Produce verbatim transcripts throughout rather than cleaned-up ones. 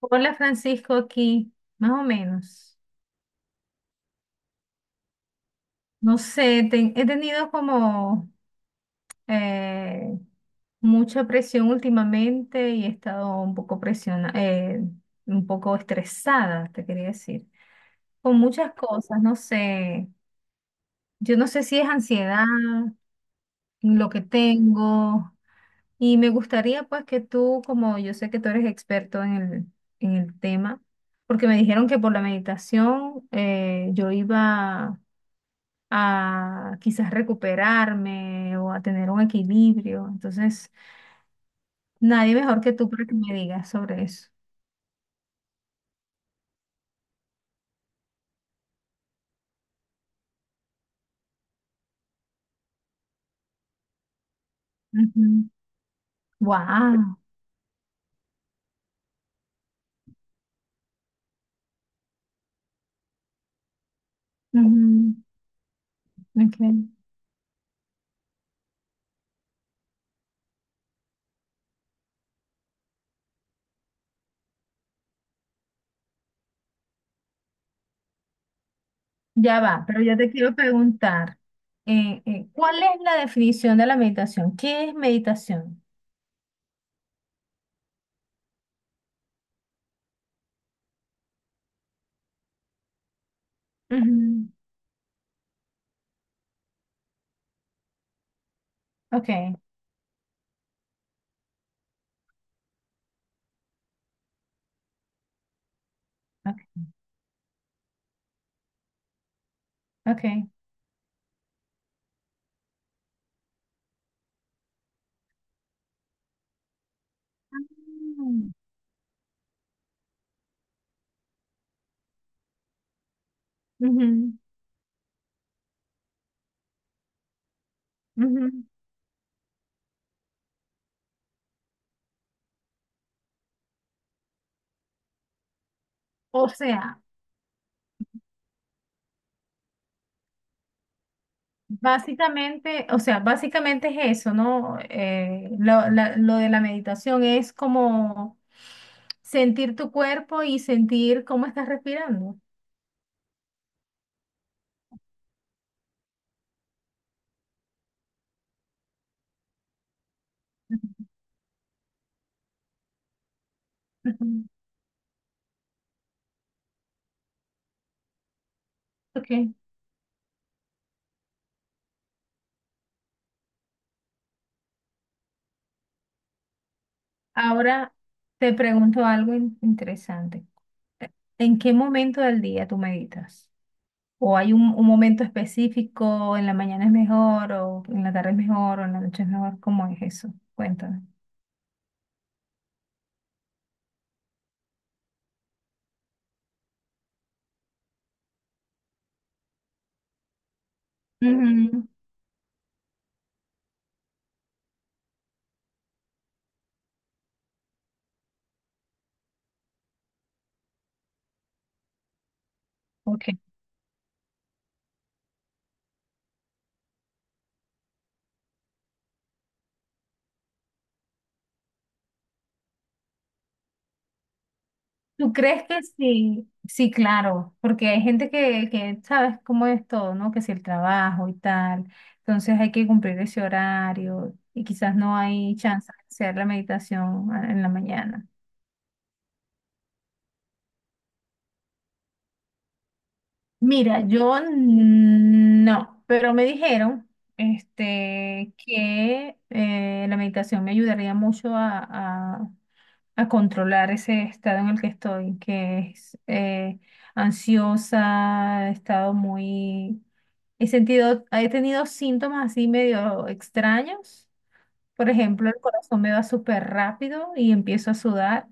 Hola Francisco, aquí, más o menos. No sé, te- he tenido como eh, mucha presión últimamente y he estado un poco presiona, eh, un poco estresada, te quería decir, con muchas cosas, no sé. Yo no sé si es ansiedad, lo que tengo, y me gustaría pues que tú, como yo sé que tú eres experto en el, en el tema, porque me dijeron que por la meditación eh, yo iba a quizás recuperarme o a tener un equilibrio. Entonces, nadie mejor que tú para que me digas sobre eso. Ujú. Wow. Ujú. Ok. Ya va, pero yo te quiero preguntar, eh, eh, ¿cuál es la definición de la meditación? ¿Qué es meditación? Ujú. Ok, ok, ok. Ah, ujú, ujú. O sea, básicamente, o sea, básicamente es eso, ¿no? Eh, lo, la- lo de la meditación es como sentir tu cuerpo y sentir cómo estás respirando. Ujú. Ok. Ahora te pregunto algo in- interesante. ¿En qué momento del día tú meditas? ¿O hay un, un momento específico, en la mañana es mejor, o en la tarde es mejor, o en la noche es mejor? ¿Cómo es eso? Cuéntame. Ujú. Ok. ¿Tú crees que sí? Sí, claro, porque hay gente que, que sabes cómo es todo, ¿no? Que si el trabajo y tal, entonces hay que cumplir ese horario y quizás no hay chance de hacer la meditación a- en la mañana. Mira, yo no, pero me dijeron este, que eh, la meditación me ayudaría mucho a, a controlar ese estado en el que estoy, que es eh, ansiosa, he estado muy... He sentido, he tenido síntomas así medio extraños. Por ejemplo, el corazón me va súper rápido y empiezo a sudar.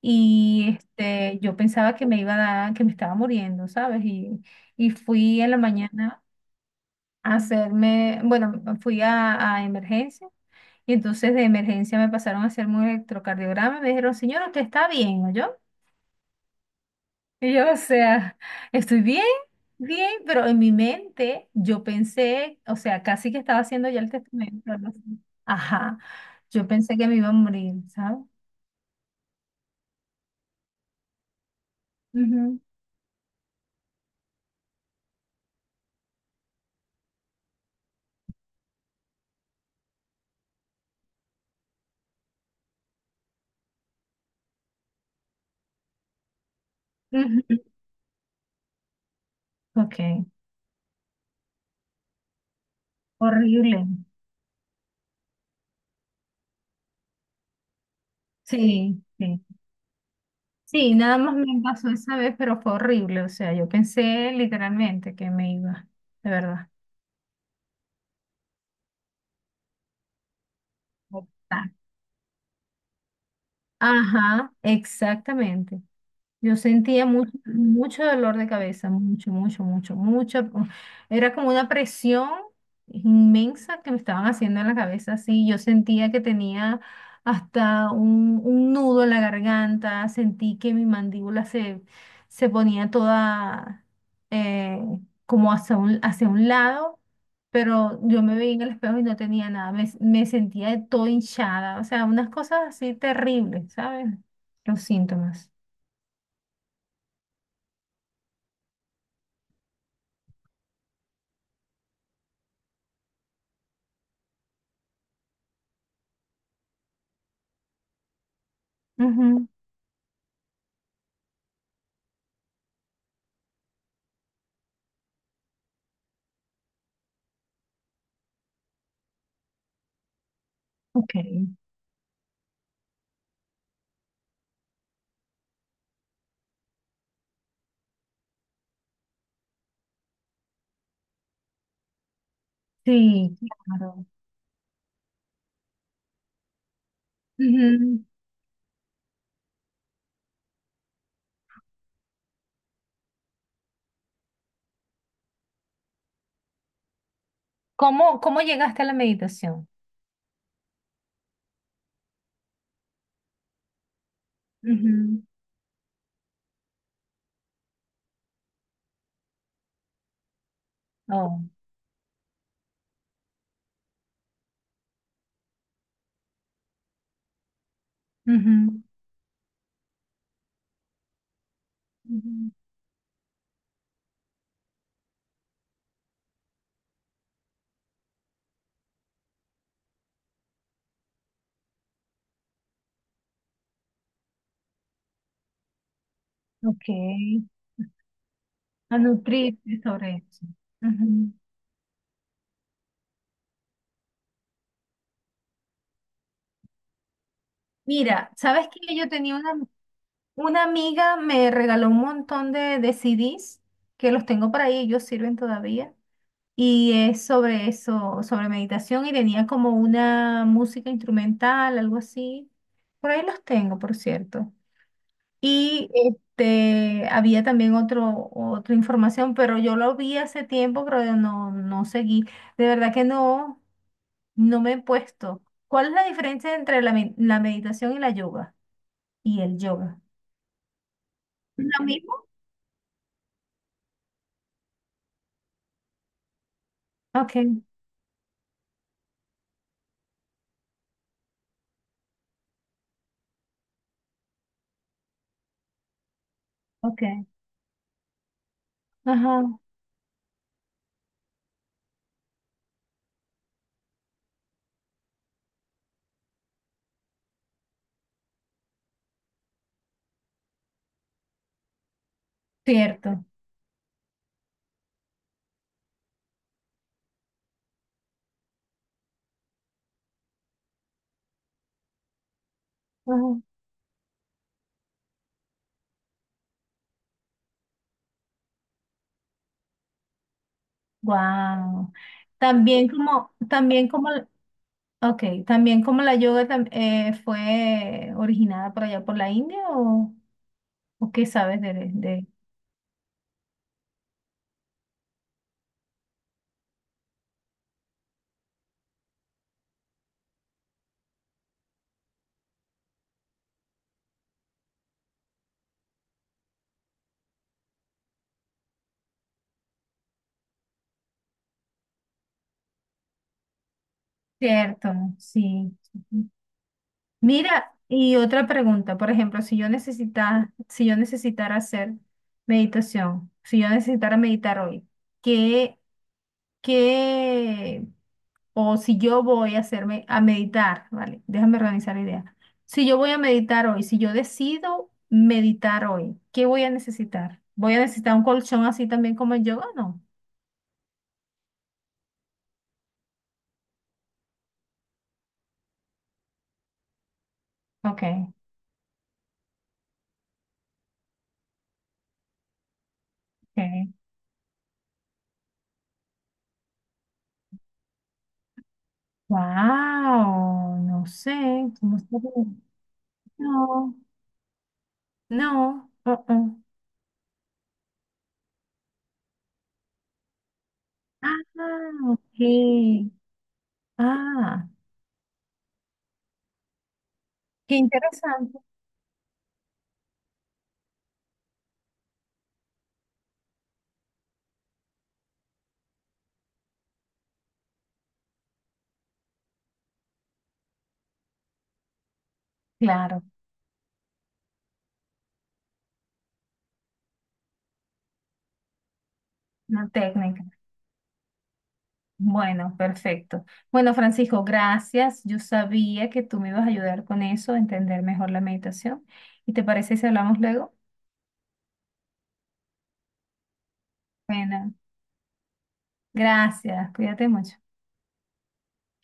Y este, yo pensaba que me iba a dar, que me estaba muriendo, ¿sabes? Y, y fui en la mañana a hacerme, bueno, fui a, a emergencia. Y entonces de emergencia me pasaron a hacerme un electrocardiograma y me dijeron, señor, usted está bien, ¿oyó? Y yo, o sea, estoy bien, bien, pero en mi mente yo pensé, o sea, casi que estaba haciendo ya el testamento. Algo así. Ajá, yo pensé que me iba a morir, ¿sabes? Ujú, ujú. Ok, horrible. Sí, sí. Sí, nada más me pasó esa vez, pero fue horrible. O sea, yo pensé literalmente que me iba, de verdad. Ajá, exactamente. Yo sentía mucho, mucho dolor de cabeza, mucho, mucho, mucho, mucho. Era como una presión inmensa que me estaban haciendo en la cabeza, así. Yo sentía que tenía hasta un, un nudo en la garganta, sentí que mi mandíbula se, se ponía toda eh, como hacia un, hacia un lado, pero yo me veía en el espejo y no tenía nada, me, me sentía de todo hinchada, o sea, unas cosas así terribles, ¿sabes? Los síntomas. Ujú. Ok, sí, claro. Ujú. ¿Cómo, cómo llegaste a la meditación? Ujú. Oh. Ujú, ujú. Ok, a nutrirte sobre eso. Ujú. Mira, ¿sabes que yo tenía una, una amiga, me regaló un montón de, de C D s que los tengo por ahí, ellos sirven todavía. Y es sobre eso, sobre meditación y tenía como una música instrumental, algo así. Por ahí los tengo, por cierto. Y este, había también otro, otra información, pero yo lo vi hace tiempo, pero yo no, no seguí. De verdad que no, no me he puesto. ¿Cuál es la diferencia entre la, me- la meditación y la yoga? Y el yoga. ¿Lo mismo? Ok, ok. Ajá, cierto. Wow. También como, también como, ok, también como la yoga tam- eh, fue originada por allá por la India o, o qué sabes de, de... Cierto, sí. Mira, y otra pregunta, por ejemplo, si yo necesita, si yo necesitara hacer meditación, si yo necesitara meditar hoy, ¿qué, qué o si yo voy a hacerme a meditar, vale, déjame organizar la idea. Si yo voy a meditar hoy, si yo decido meditar hoy, ¿qué voy a necesitar? ¿Voy a necesitar un colchón así también como el yoga o no? Ok, ok. Wow, no sé, ¿cómo está bu- no, no, uh, uh. Ah, ok. Ah, qué interesante. Claro, una técnica. Bueno, perfecto. Bueno, Francisco, gracias. Yo sabía que tú me ibas a ayudar con eso, a entender mejor la meditación. ¿Y te parece si hablamos luego? Bueno, gracias. Cuídate mucho.